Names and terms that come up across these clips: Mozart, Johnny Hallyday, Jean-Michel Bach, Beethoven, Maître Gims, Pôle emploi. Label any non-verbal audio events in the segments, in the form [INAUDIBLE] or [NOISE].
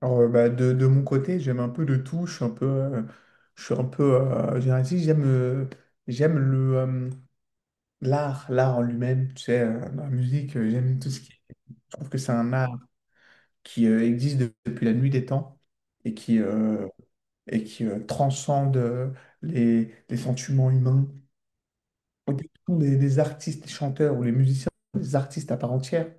De mon côté, j'aime un peu de tout. Je suis un peu, je suis un peu, j'ai un- si j'aime, j'aime le l'art, l'art en lui-même. Tu sais, dans la musique, j'aime tout ce qui. Je trouve que c'est un art qui existe depuis la nuit des temps et qui euh, et qui transcende les sentiments humains. Au début, ce sont des artistes, des chanteurs ou les musiciens, des artistes à part entière.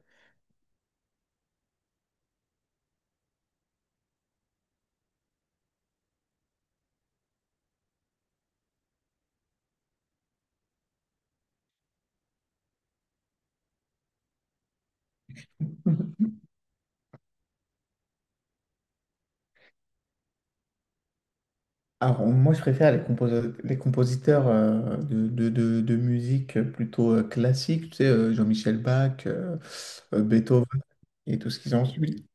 Alors, moi, je préfère les compositeurs de musique plutôt classique, tu sais, Jean-Michel Bach, Beethoven et tout ce qu'ils ont suivi.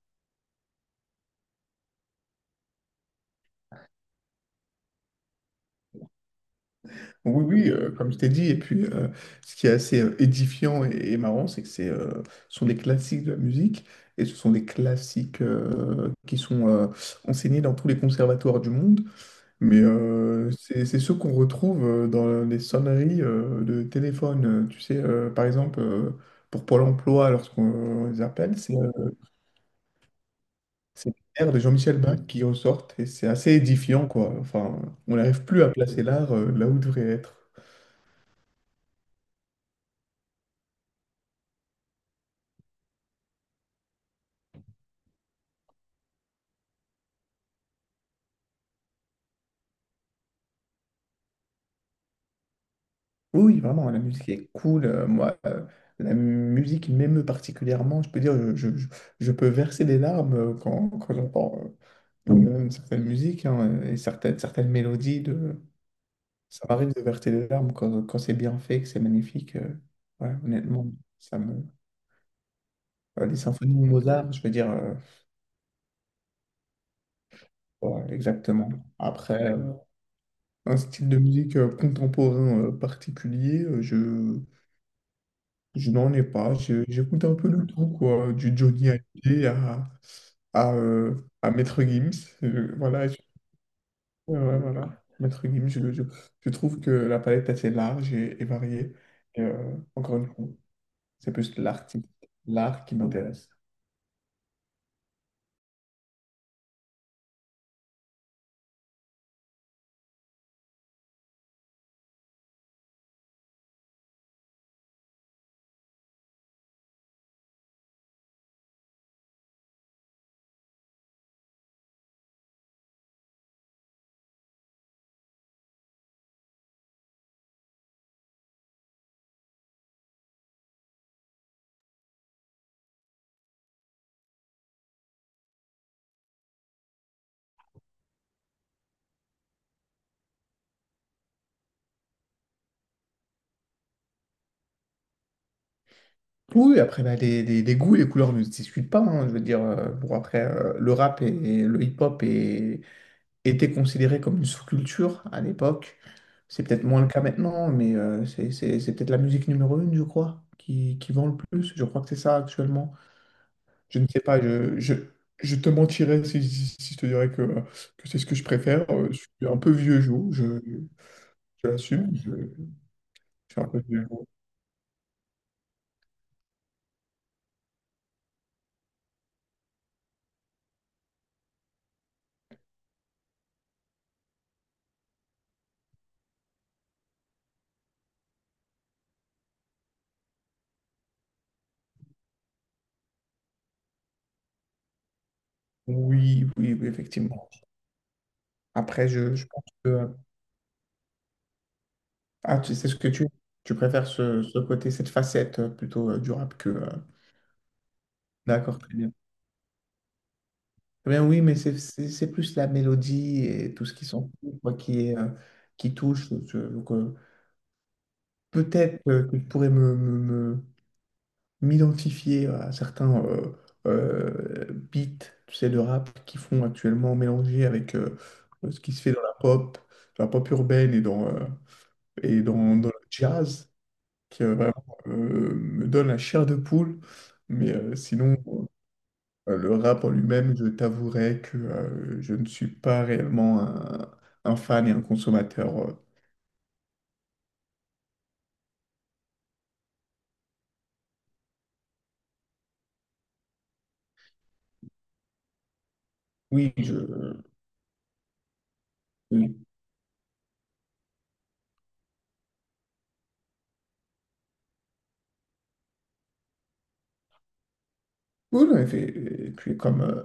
Oui, oui, comme je t'ai dit. Et puis, ce qui est assez édifiant et marrant, c'est que ce sont des classiques de la musique et ce sont des classiques qui sont enseignés dans tous les conservatoires du monde. Mais c'est ceux qu'on retrouve dans les sonneries de téléphone. Tu sais, par exemple, pour Pôle emploi, lorsqu'on les appelle, c'est l'air de Jean-Michel Bach qui ressortent et c'est assez édifiant, quoi. Enfin, on n'arrive plus à placer l'art là où il devrait être. Oui, vraiment, la musique est cool. Moi, la musique m'émeut particulièrement. Je peux dire, je peux verser des larmes quand j'entends euh, certaines musiques, hein, et certaines mélodies de. Ça m'arrive de verser des larmes quand c'est bien fait, que c'est magnifique. Ouais, honnêtement, ça me... Les symphonies de Mozart, je veux dire, ouais, exactement. Après, un style de musique contemporain particulier, je n'en ai pas. J'écoute un peu le tout, quoi, du Johnny Hallyday à, à, euh, à Maître Gims. Euh, voilà, je- ouais, ouais, voilà. Maître Gims, je trouve que la palette est assez large et variée. Et, encore une fois. C'est plus l'artiste, l'art qui m'intéresse. Oui, après, bah, les goûts et les couleurs ne se discutent pas, hein. Je veux dire, bon, après, le rap et le hip-hop étaient considérés comme une sous-culture à l'époque. C'est peut-être moins le cas maintenant, mais c'est peut-être la musique numéro une, je crois, qui vend le plus. Je crois que c'est ça actuellement. Je ne sais pas, je te mentirais si je te dirais que c'est ce que je préfère. Je suis un peu vieux jeu, je l'assume. Je suis un peu vieux jeu. Oui, oui, oui, effectivement. Après, je pense que... Ah, tu sais ce que tu... Tu préfères ce, ce côté, cette facette plutôt du rap que... D'accord, très bien. Très bien, oui, mais c'est plus la mélodie et tout ce qui s'en fout, quoi, qui est, qui touche. Donc peut-être que je pourrais me- m'identifier à certains beats, tu sais, de rap qui font actuellement mélanger avec ce qui se fait dans la pop urbaine et dans le jazz. Qui vraiment me donne la chair de poule. Mais sinon, le rap en lui-même, je t'avouerai que je ne suis pas réellement un fan et un consommateur. Oui, je... Cool, et puis comme,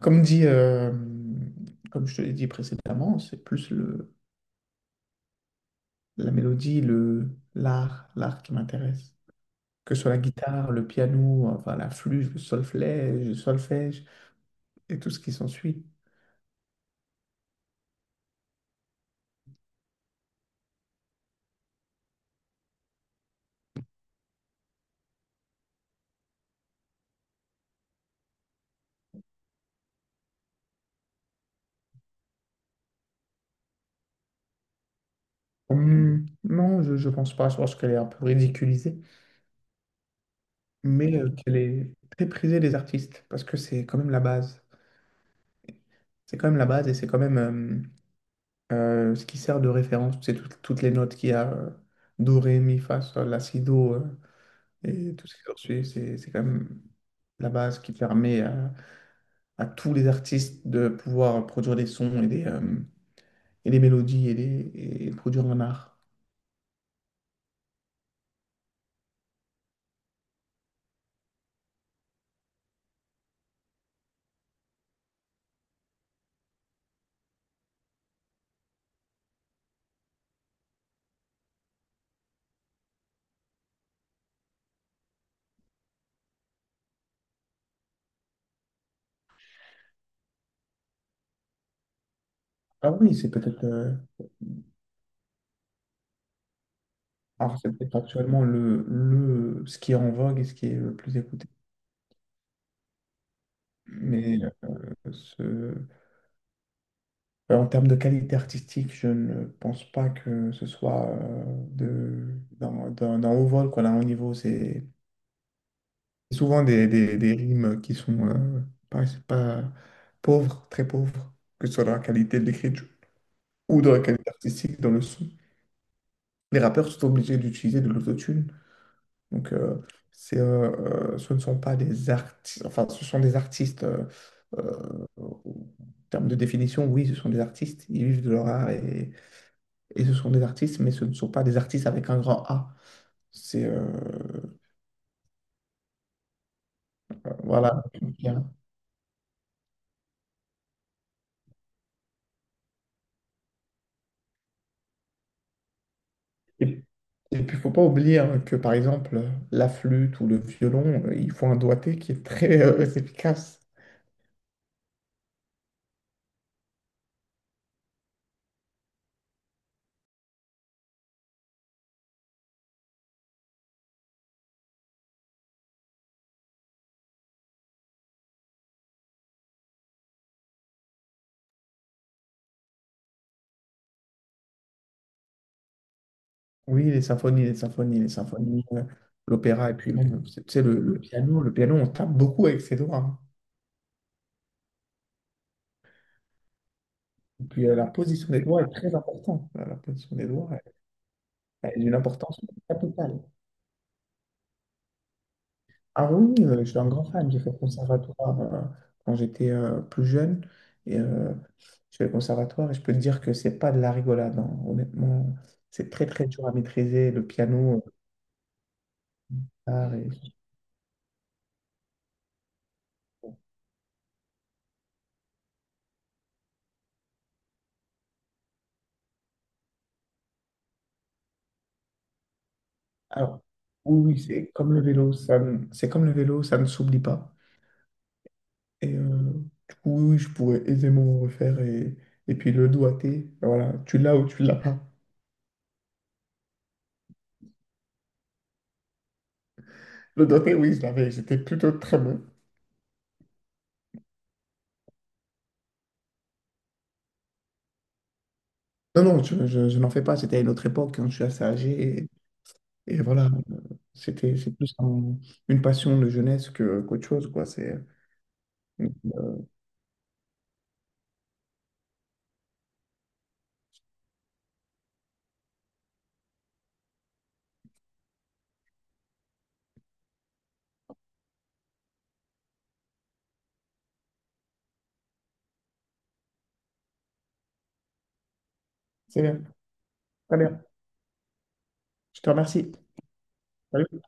comme dit, comme je te l'ai dit précédemment, c'est plus le, la mélodie, le, l'art, l'art qui m'intéresse. Que ce soit la guitare, le piano, enfin la flûte, le solfège et tout ce qui s'ensuit. Non, je ne pense pas. Je pense qu'elle est un peu ridiculisée, mais qu'elle est très prisée des artistes parce que c'est quand même la base. C'est quand même la base et c'est quand même ce qui sert de référence. Toutes les notes qu'il y a, do, ré, mi, fa, sol, la, si, do, et tout ce qui s'ensuit. C'est quand même la base qui permet à tous les artistes de pouvoir produire des sons et des mélodies et produire un art. Ah oui, c'est peut-être. Alors, c'est peut-être actuellement ce qui est en vogue et ce qui est le plus écouté. Mais ce- euh, en termes de qualité artistique, je ne pense pas que ce soit de, d'un haut vol, quoi. Là, haut niveau. C'est souvent des rimes qui sont pas, c'est pas pauvres, très pauvres, que ce soit dans la qualité de l'écriture ou dans la qualité artistique, dans le son. Les rappeurs sont obligés d'utiliser de l'autotune. Donc, ce ne sont pas des artistes, enfin, ce sont des artistes, en termes de définition, oui, ce sont des artistes, ils vivent de leur art et ce sont des artistes, mais ce ne sont pas des artistes avec un grand A. C'est, voilà. Et puis, il ne faut pas oublier, hein, que, par exemple, la flûte ou le violon, il faut un doigté qui est très [LAUGHS] efficace. Oui, les symphonies, les symphonies, l'opéra, et puis même, tu sais, le piano, on tape beaucoup avec ses doigts, hein. Et puis la position des doigts est très importante. La position des doigts elle est d'une importance capitale. Ah oui, oui, je suis un grand fan. J'ai fait le conservatoire quand j'étais plus jeune. Et je fais le conservatoire et je peux te dire que c'est pas de la rigolade, hein. Honnêtement, c'est très très dur à maîtriser le piano, la guitare et- Alors, oui, oui, c'est comme le vélo, ça ne- c'est comme le vélo, ça ne s'oublie pas. Et du coup, oui, oui, je pourrais aisément refaire. Et puis le doigté, voilà, tu l'as ou tu l'as pas. Le dernier, oui, je l'avais. J'étais plutôt très bon. Non, non, je n'en fais pas. C'était à une autre époque, hein. Je suis assez âgé. Et voilà, c'est plus une passion de jeunesse que qu'autre chose, quoi. C'est bien. Très bien. Je te remercie. Salut.